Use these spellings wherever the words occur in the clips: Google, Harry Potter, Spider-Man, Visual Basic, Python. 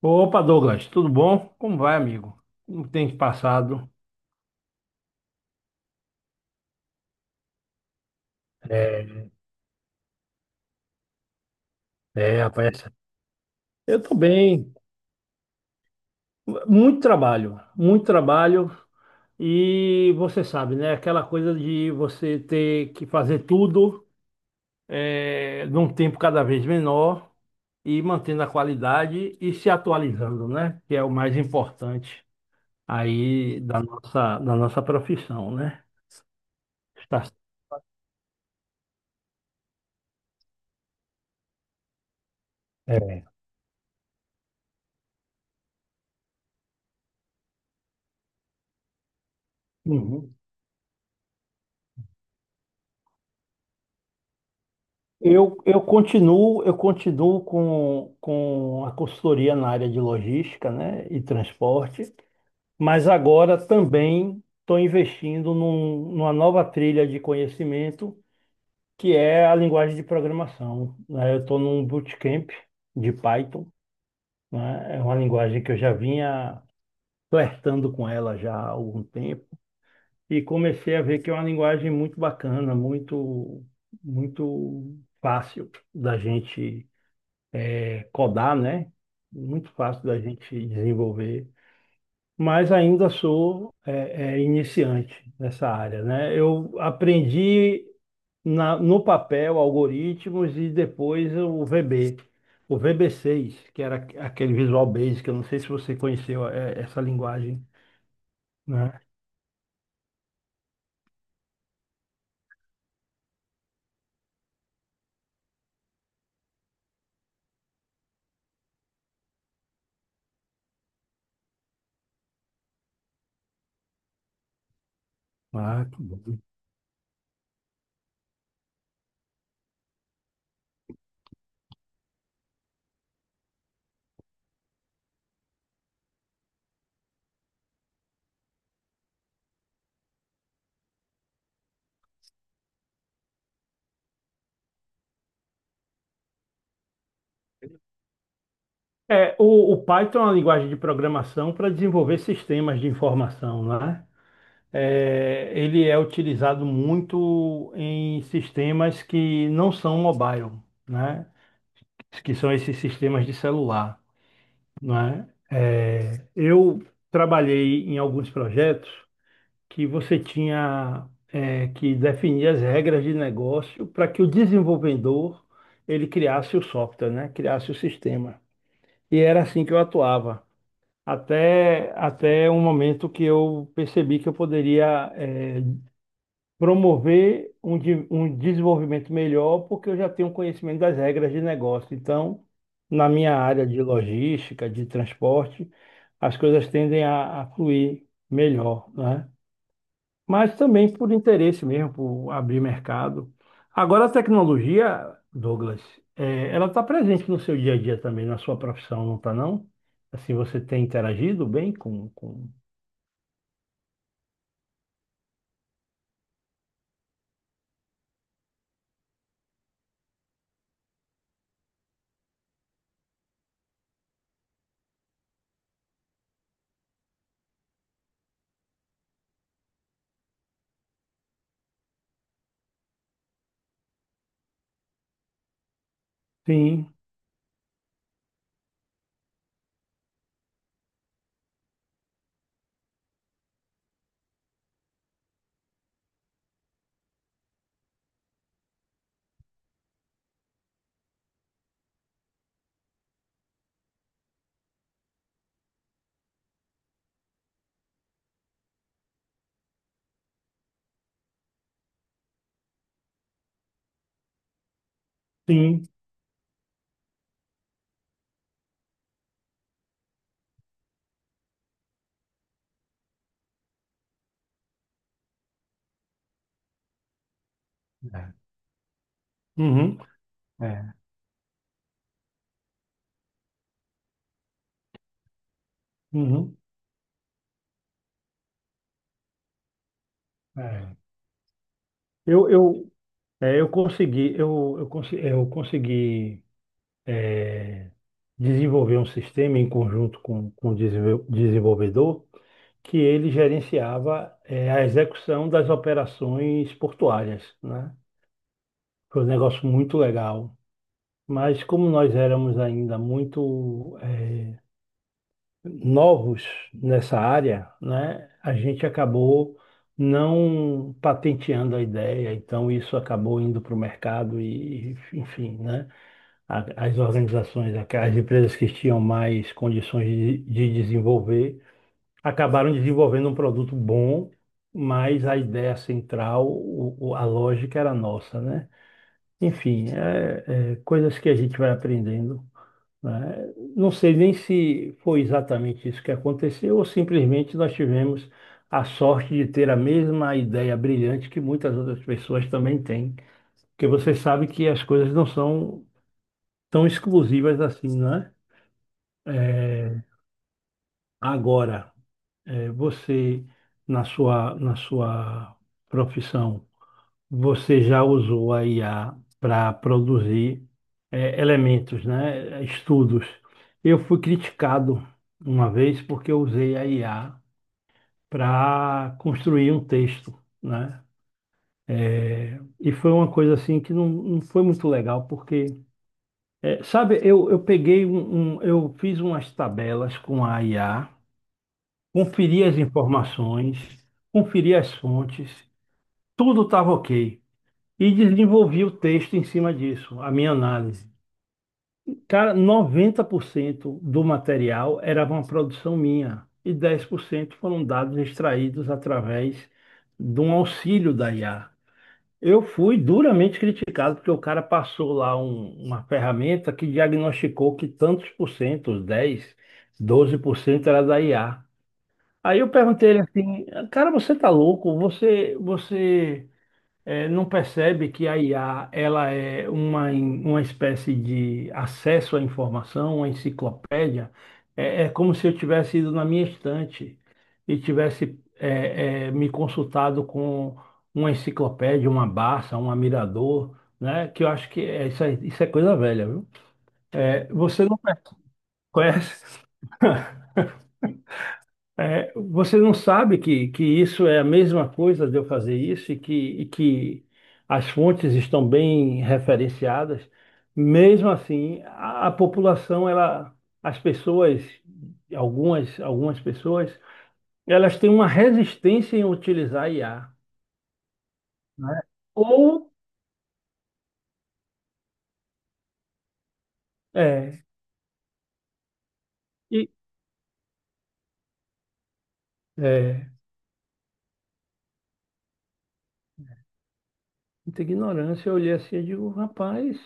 Opa, Douglas, tudo bom? Como vai, amigo? Como tem te passado? É, é, rapaz. Eu tô bem. Muito trabalho, muito trabalho. E você sabe, né? Aquela coisa de você ter que fazer tudo num tempo cada vez menor e mantendo a qualidade e se atualizando, né? Que é o mais importante aí da nossa profissão, né? Está... É, uhum. Eu continuo com a consultoria na área de logística, né, e transporte, mas agora também estou investindo numa nova trilha de conhecimento, que é a linguagem de programação, né? Eu estou num bootcamp de Python, né? É uma linguagem que eu já vinha flertando com ela já há algum tempo, e comecei a ver que é uma linguagem muito bacana, muito, muito fácil da gente codar, né? Muito fácil da gente desenvolver, mas ainda sou iniciante nessa área, né? Eu aprendi no papel algoritmos e depois o VB, o VB6, que era aquele Visual Basic, eu não sei se você conheceu essa linguagem, né? Ah, que bom. O Python é uma linguagem de programação para desenvolver sistemas de informação, né? Ele é utilizado muito em sistemas que não são mobile, né? Que são esses sistemas de celular, né? Eu trabalhei em alguns projetos que você tinha que definir as regras de negócio para que o desenvolvedor ele criasse o software, né? Criasse o sistema. E era assim que eu atuava. Até um momento que eu percebi que eu poderia promover um desenvolvimento melhor, porque eu já tenho conhecimento das regras de negócio. Então, na minha área de logística, de transporte, as coisas tendem a fluir melhor, né? Mas também por interesse mesmo, por abrir mercado. Agora, a tecnologia, Douglas, ela está presente no seu dia a dia também, na sua profissão, não está, não? Assim, você tem interagido bem com... Sim, sim. É. Uhum. É. Uhum. É. Eu, eu, eu consegui, eu, consi- eu consegui desenvolver um sistema em conjunto com o desenvolvedor que ele gerenciava, a execução das operações portuárias, né? Foi um negócio muito legal. Mas como nós éramos ainda muito, novos nessa área, né? A gente acabou não patenteando a ideia, então isso acabou indo para o mercado e, enfim, né? As organizações, as empresas que tinham mais condições de desenvolver, acabaram desenvolvendo um produto bom, mas a ideia central, a lógica era nossa, né? Enfim, coisas que a gente vai aprendendo, né? Não sei nem se foi exatamente isso que aconteceu, ou simplesmente nós tivemos a sorte de ter a mesma ideia brilhante que muitas outras pessoas também têm. Porque você sabe que as coisas não são tão exclusivas assim, né? É, agora, você, na sua profissão, você já usou a IA para produzir, elementos, né? Estudos. Eu fui criticado uma vez porque eu usei a IA para construir um texto, né? E foi uma coisa assim que não, não foi muito legal, porque, sabe, eu peguei eu fiz umas tabelas com a IA, conferi as informações, conferi as fontes, tudo estava ok. E desenvolvi o texto em cima disso, a minha análise. Cara, 90% do material era uma produção minha e 10% foram dados extraídos através de um auxílio da IA. Eu fui duramente criticado porque o cara passou lá uma ferramenta que diagnosticou que tantos por cento, os 10, 12% era da IA. Aí eu perguntei ele assim, cara, você tá louco? Você não percebe que a IA ela é uma espécie de acesso à informação, uma enciclopédia? Como se eu tivesse ido na minha estante e tivesse me consultado com uma enciclopédia, uma Barça, um Mirador, né? Que eu acho que isso é coisa velha, viu? Você não conhece? Você não sabe que isso é a mesma coisa de eu fazer isso e que as fontes estão bem referenciadas. Mesmo assim, a população, ela, as pessoas, algumas pessoas, elas têm uma resistência em utilizar IA, né? Ou, é, e, é, muita ignorância, eu olhei assim e digo, rapaz,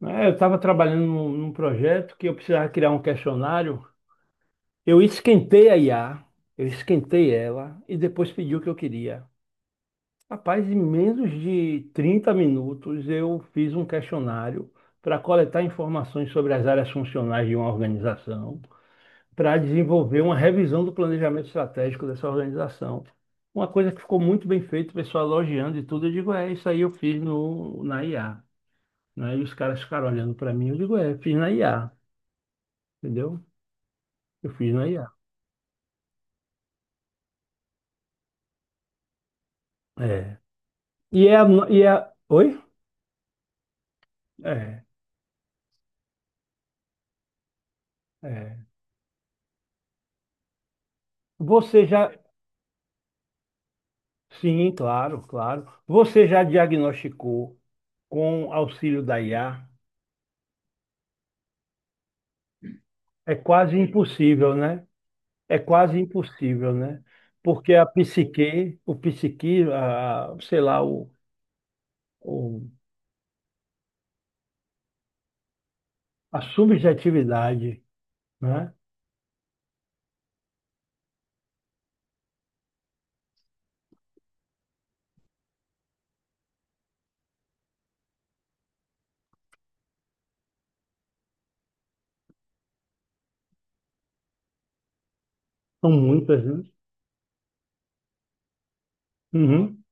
né? Eu estava trabalhando num projeto que eu precisava criar um questionário. Eu esquentei a IA, eu esquentei ela e depois pedi o que eu queria. Rapaz, em menos de 30 minutos eu fiz um questionário para coletar informações sobre as áreas funcionais de uma organização, para desenvolver uma revisão do planejamento estratégico dessa organização. Uma coisa que ficou muito bem feita, o pessoal elogiando e tudo, eu digo, isso aí eu fiz no, na IA, né? E os caras ficaram olhando para mim, eu digo, fiz na IA, entendeu? Eu fiz na IA. É. E é, a no- e é, oi? É. É. Você já, sim, claro, claro. Você já diagnosticou com auxílio da IA? É quase impossível, né? É quase impossível, né? Porque a psique, o psique, a, sei lá, o- a subjetividade, né? São muitas, né? Uhum,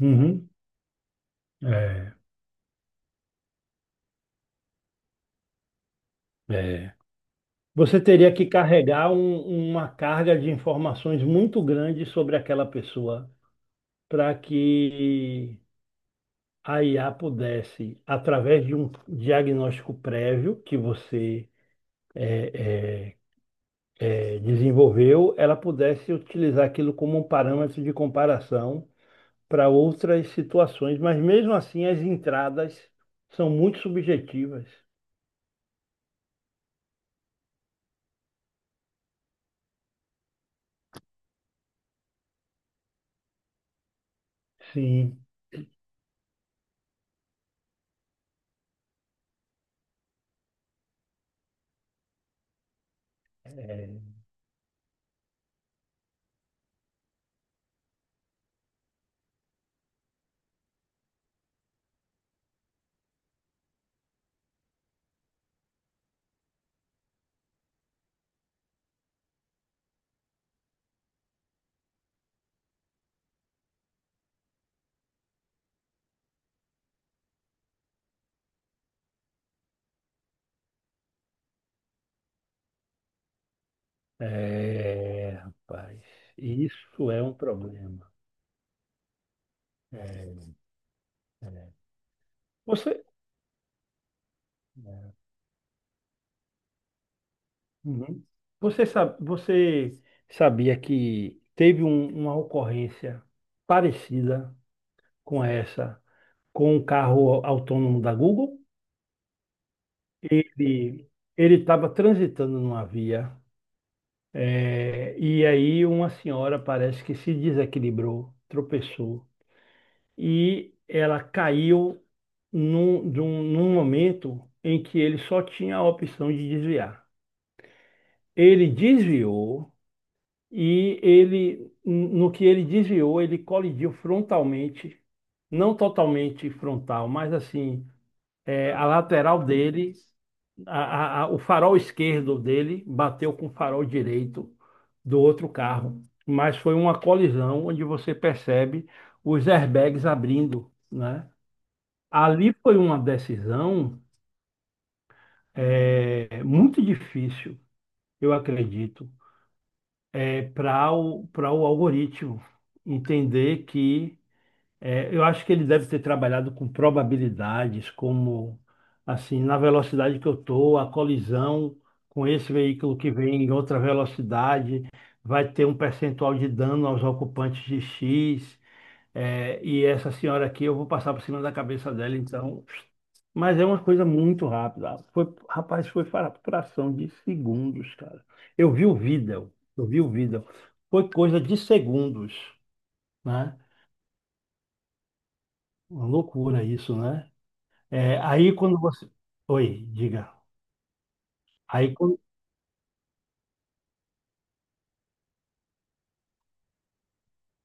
uhum. É, é. Você teria que carregar uma carga de informações muito grande sobre aquela pessoa para que a IA pudesse, através de um diagnóstico prévio que você eh, eh, desenvolveu, ela pudesse utilizar aquilo como um parâmetro de comparação para outras situações, mas mesmo assim as entradas são muito subjetivas. Sim. É, é, rapaz, isso é um problema. É, é. Você, Uhum. Você sabe, você sabia que teve uma ocorrência parecida com essa, com um carro autônomo da Google? Ele ele estava transitando numa via, e aí uma senhora parece que se desequilibrou, tropeçou, e ela caiu num momento em que ele só tinha a opção de desviar. Ele desviou e ele, no que ele desviou, ele colidiu frontalmente, não totalmente frontal, mas assim, a lateral dele, o farol esquerdo dele bateu com o farol direito do outro carro. Mas foi uma colisão onde você percebe os airbags abrindo, né? Ali foi uma decisão, muito difícil, eu acredito, é para o algoritmo entender que. Eu acho que ele deve ter trabalhado com probabilidades, como assim, na velocidade que eu estou, a colisão com esse veículo que vem em outra velocidade vai ter um percentual de dano aos ocupantes de X, e essa senhora aqui eu vou passar por cima da cabeça dela, então. Mas é uma coisa muito rápida. Foi, rapaz, foi para fração de segundos, cara. Eu vi o vídeo, eu vi o vídeo. Foi coisa de segundos, né? Uma loucura isso, né? Aí quando você. Oi, diga. Aí quando.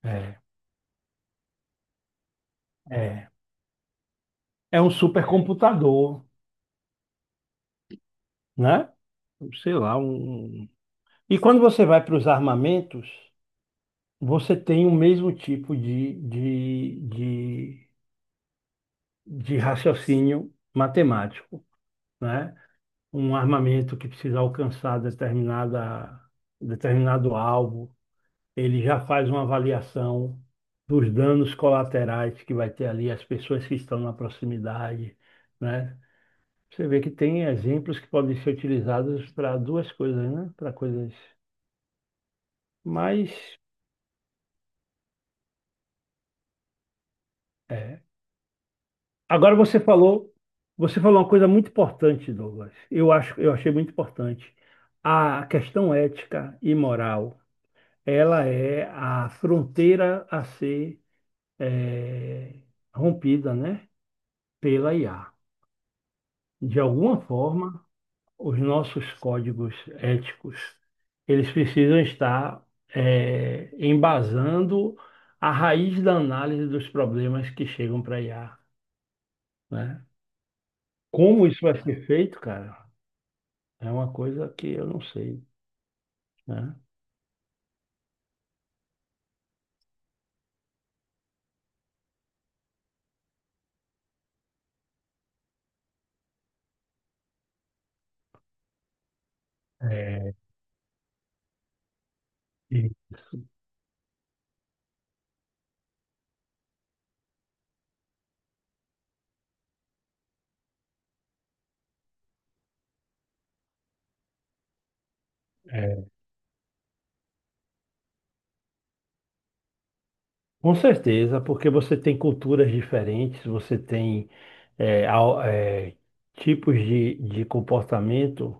É, é, é um supercomputador, né? Sei lá, um. E quando você vai para os armamentos, você tem o mesmo tipo de raciocínio matemático, né? Um armamento que precisa alcançar determinada, determinado alvo, ele já faz uma avaliação dos danos colaterais que vai ter ali, as pessoas que estão na proximidade, né? Você vê que tem exemplos que podem ser utilizados para duas coisas, né? Para coisas mais. É. Agora você falou uma coisa muito importante, Douglas. Eu acho, eu achei muito importante. A questão ética e moral, ela é a fronteira a ser é, rompida, né? Pela IA. De alguma forma, os nossos códigos éticos, eles precisam estar embasando a raiz da análise dos problemas que chegam para IA, né? Como isso vai ser feito, cara, é uma coisa que eu não sei, né? É, Com certeza, porque você tem culturas diferentes, você tem eh, ao- eh, tipos de comportamento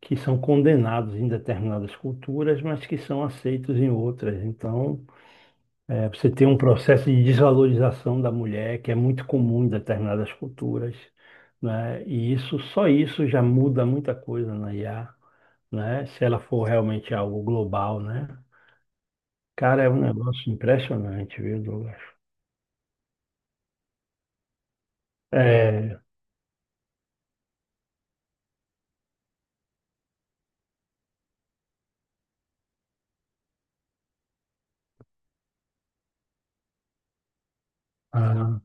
que são condenados em determinadas culturas, mas que são aceitos em outras. Então, você tem um processo de desvalorização da mulher que é muito comum em determinadas culturas, né? E isso, só isso já muda muita coisa na IA, né? Se ela for realmente algo global, né? Cara, é um negócio impressionante, viu, Douglas? É, Ah,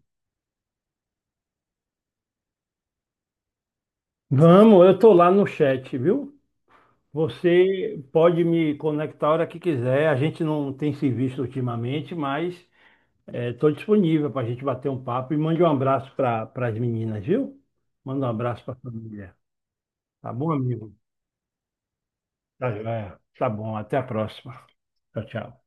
vamos, eu tô lá no chat, viu? Você pode me conectar a hora que quiser. A gente não tem se visto ultimamente, mas estou disponível para a gente bater um papo e mande um abraço para as meninas, viu? Manda um abraço para a família. Tá bom, amigo? Tá joia. Tá bom, até a próxima. Tchau, tchau.